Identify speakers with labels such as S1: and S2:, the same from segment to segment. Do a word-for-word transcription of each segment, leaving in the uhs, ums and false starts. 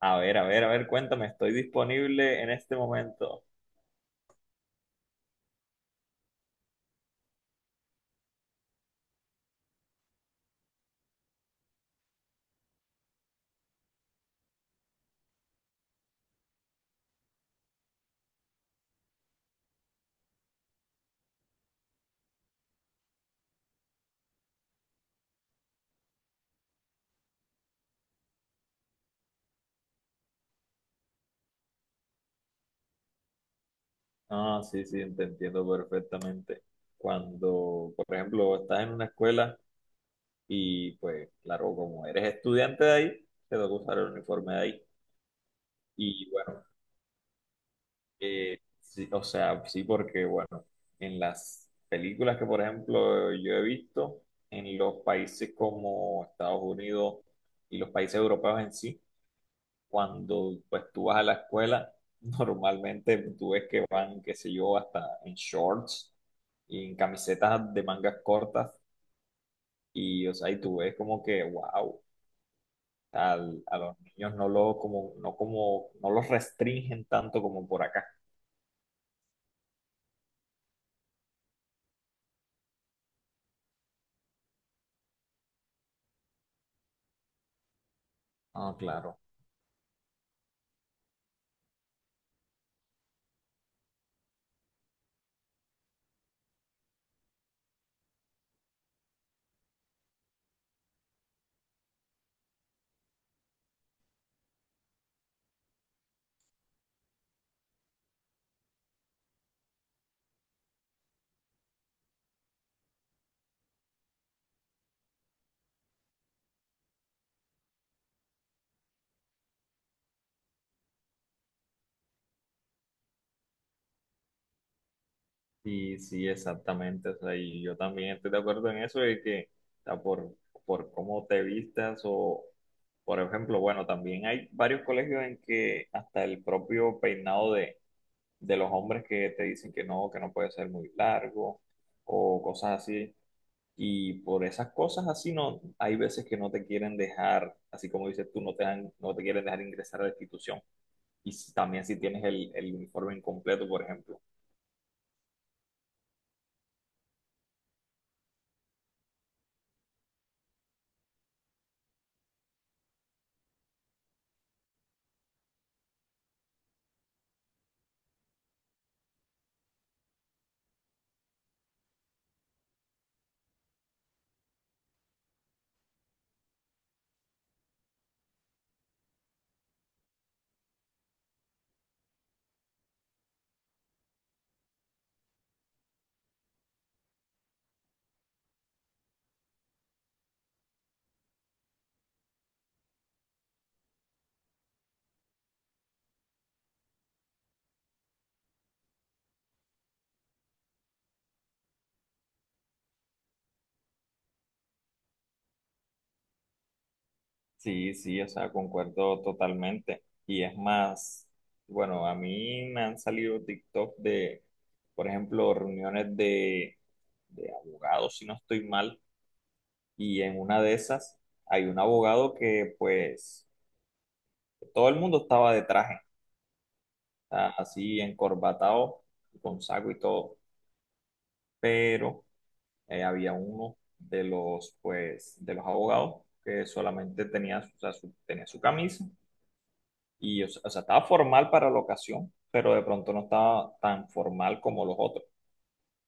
S1: A ver, a ver, a ver, cuéntame, ¿estoy disponible en este momento? Ah, sí, sí, te entiendo perfectamente. Cuando, por ejemplo, estás en una escuela y, pues, claro, como eres estudiante de ahí, te toca usar el uniforme de ahí. Y bueno, eh, sí, o sea, sí, porque, bueno, en las películas que, por ejemplo, yo he visto, en los países como Estados Unidos y los países europeos en sí, cuando pues tú vas a la escuela, normalmente tú ves que van, qué sé yo, hasta en shorts y en camisetas de mangas cortas y o sea, y tú ves como que wow, al- a los niños no lo como no como no los restringen tanto como por acá. Ah, claro. Sí, sí, exactamente. O sea, y yo también estoy de acuerdo en eso de que o sea, por por cómo te vistas o por ejemplo, bueno, también hay varios colegios en que hasta el propio peinado de de los hombres que te dicen que no, que no puede ser muy largo o cosas así. Y por esas cosas así no, hay veces que no te quieren dejar, así como dices tú, no te dan- no te quieren dejar ingresar a la institución. Y si- también si tienes el, el uniforme incompleto, por ejemplo. Sí, sí, o sea, concuerdo totalmente. Y es más, bueno, a mí me han salido TikTok de, por ejemplo, reuniones de, de abogados, si no estoy mal, y en una de esas hay un abogado que pues todo el mundo estaba de traje, a- así encorbatado, con saco y todo, pero eh, había uno de los pues de los abogados que solamente tenía, o sea, su, tenía su camisa y o sea, o sea, estaba formal para la ocasión, pero de pronto no estaba tan formal como los otros.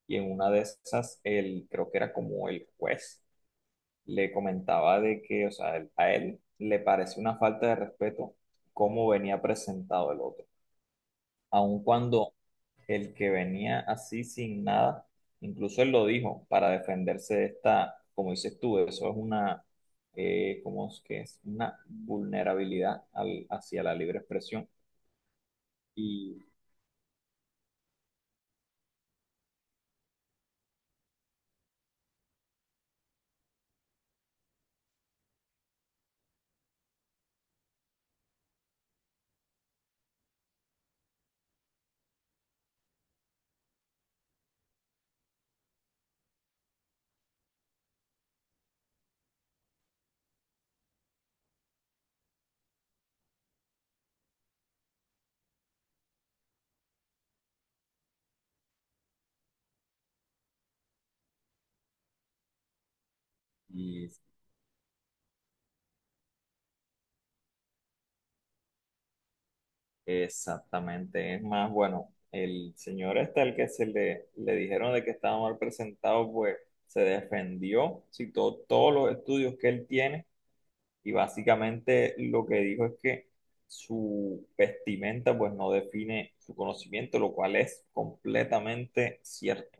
S1: Y en una de esas, el, creo que era como el juez le comentaba de que, o sea, él- a él le pareció una falta de respeto cómo venía presentado el otro. Aun cuando el que venía así sin nada, incluso él lo dijo para defenderse de esta, como dices tú, eso es una, eh, ¿cómo es que es? Una vulnerabilidad al- hacia la libre expresión. Y, y Exactamente, es más, bueno, el señor este al que se le, le dijeron de que estaba mal presentado, pues se defendió, citó todos los estudios que él tiene y básicamente lo que dijo es que su vestimenta pues no define su conocimiento, lo cual es completamente cierto.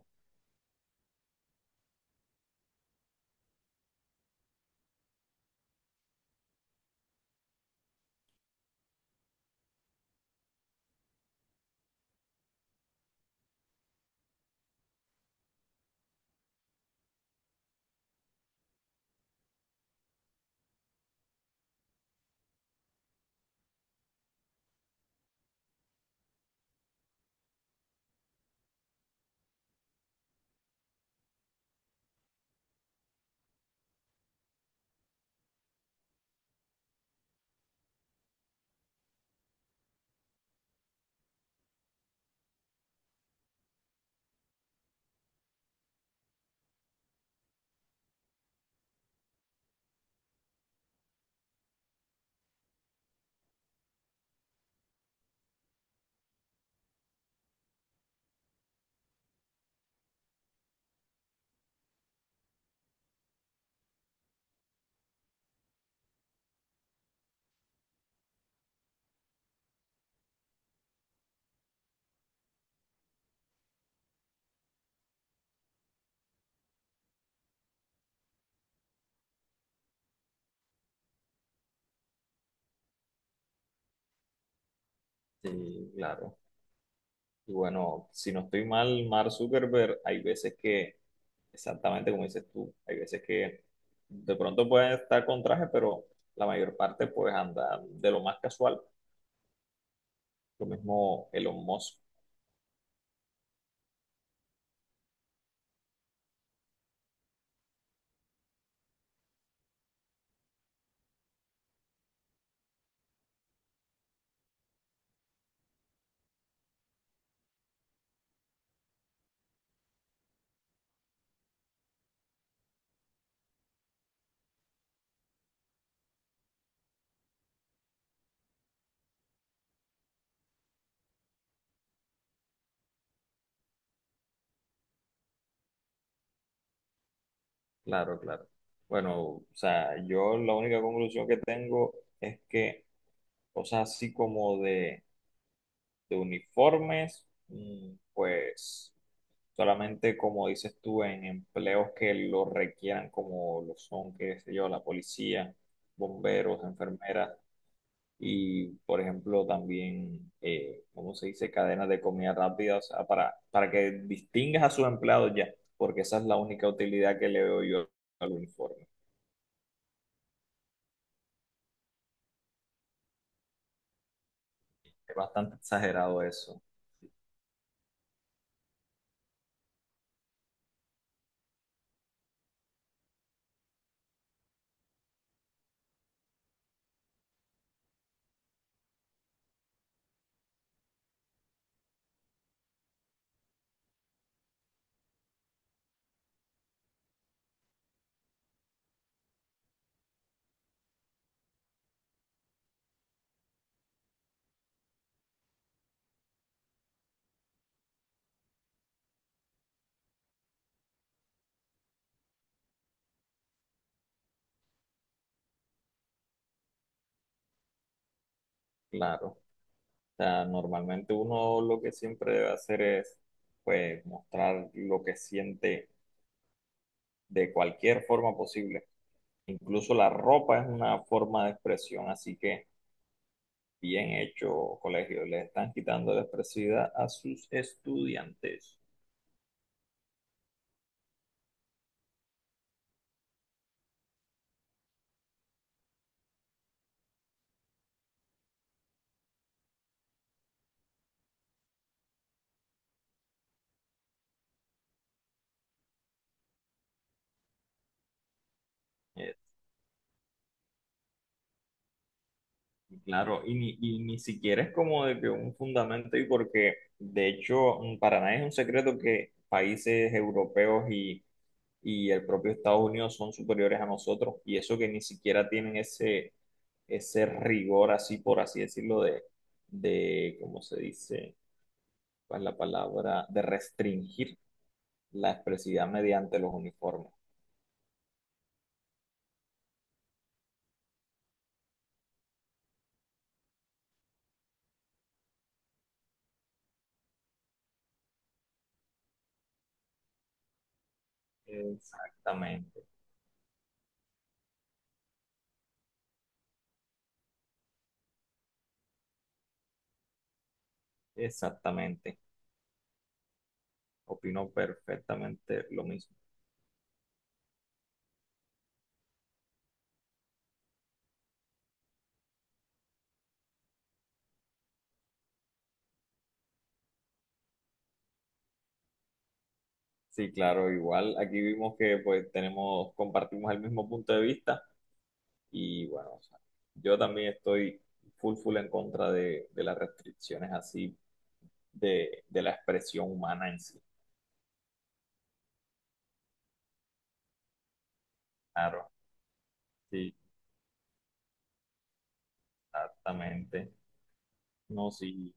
S1: Sí, claro. Y bueno, si no estoy mal, Mark Zuckerberg, hay veces que, exactamente como dices tú, hay veces que de pronto puede estar con traje, pero la mayor parte pues anda de lo más casual. Lo mismo Elon Musk, claro, claro. Bueno, o sea, yo la única conclusión que tengo es que cosas así como de, de uniformes, mm, pues solamente como dices tú, en empleos que lo requieran, como lo son, qué sé yo, la policía, bomberos, enfermeras y, por ejemplo, también, eh, ¿cómo se dice?, cadenas de comida rápida, o sea, para, para que distingas a sus empleados ya, porque esa es la única utilidad que le veo yo al uniforme. Es bastante exagerado eso, claro. O sea, normalmente uno lo que siempre debe hacer es, pues, mostrar lo que siente de cualquier forma posible. Incluso la ropa es una forma de expresión, así que bien hecho, colegio. Le están quitando la expresividad a sus estudiantes. Eh, claro, y ni, y ni siquiera es como de que un fundamento, y porque de hecho mm, para nadie es un secreto que países europeos y, y el propio Estados Unidos son superiores a nosotros, y eso que ni siquiera tienen ese, ese rigor así, por así decirlo, de, de, ¿cómo se dice? Pues, la palabra de restringir la expresividad mediante los uniformes. Exactamente, Exactamente. Opino perfectamente lo mismo. Sí, claro, igual aquí vimos que pues tenemos, compartimos el mismo punto de vista y bueno, o sea, yo también estoy full full en contra de, de las restricciones así de, de la expresión humana en sí. Claro, sí, exactamente. No, sí,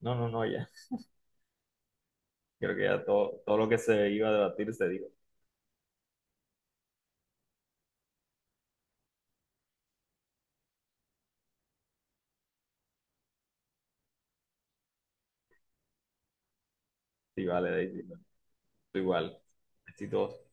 S1: no, no, no, ya. Creo que ya todo, todo lo que se iba a debatir se dijo. Sí, vale, Daisy. No, tú igual. Besitos.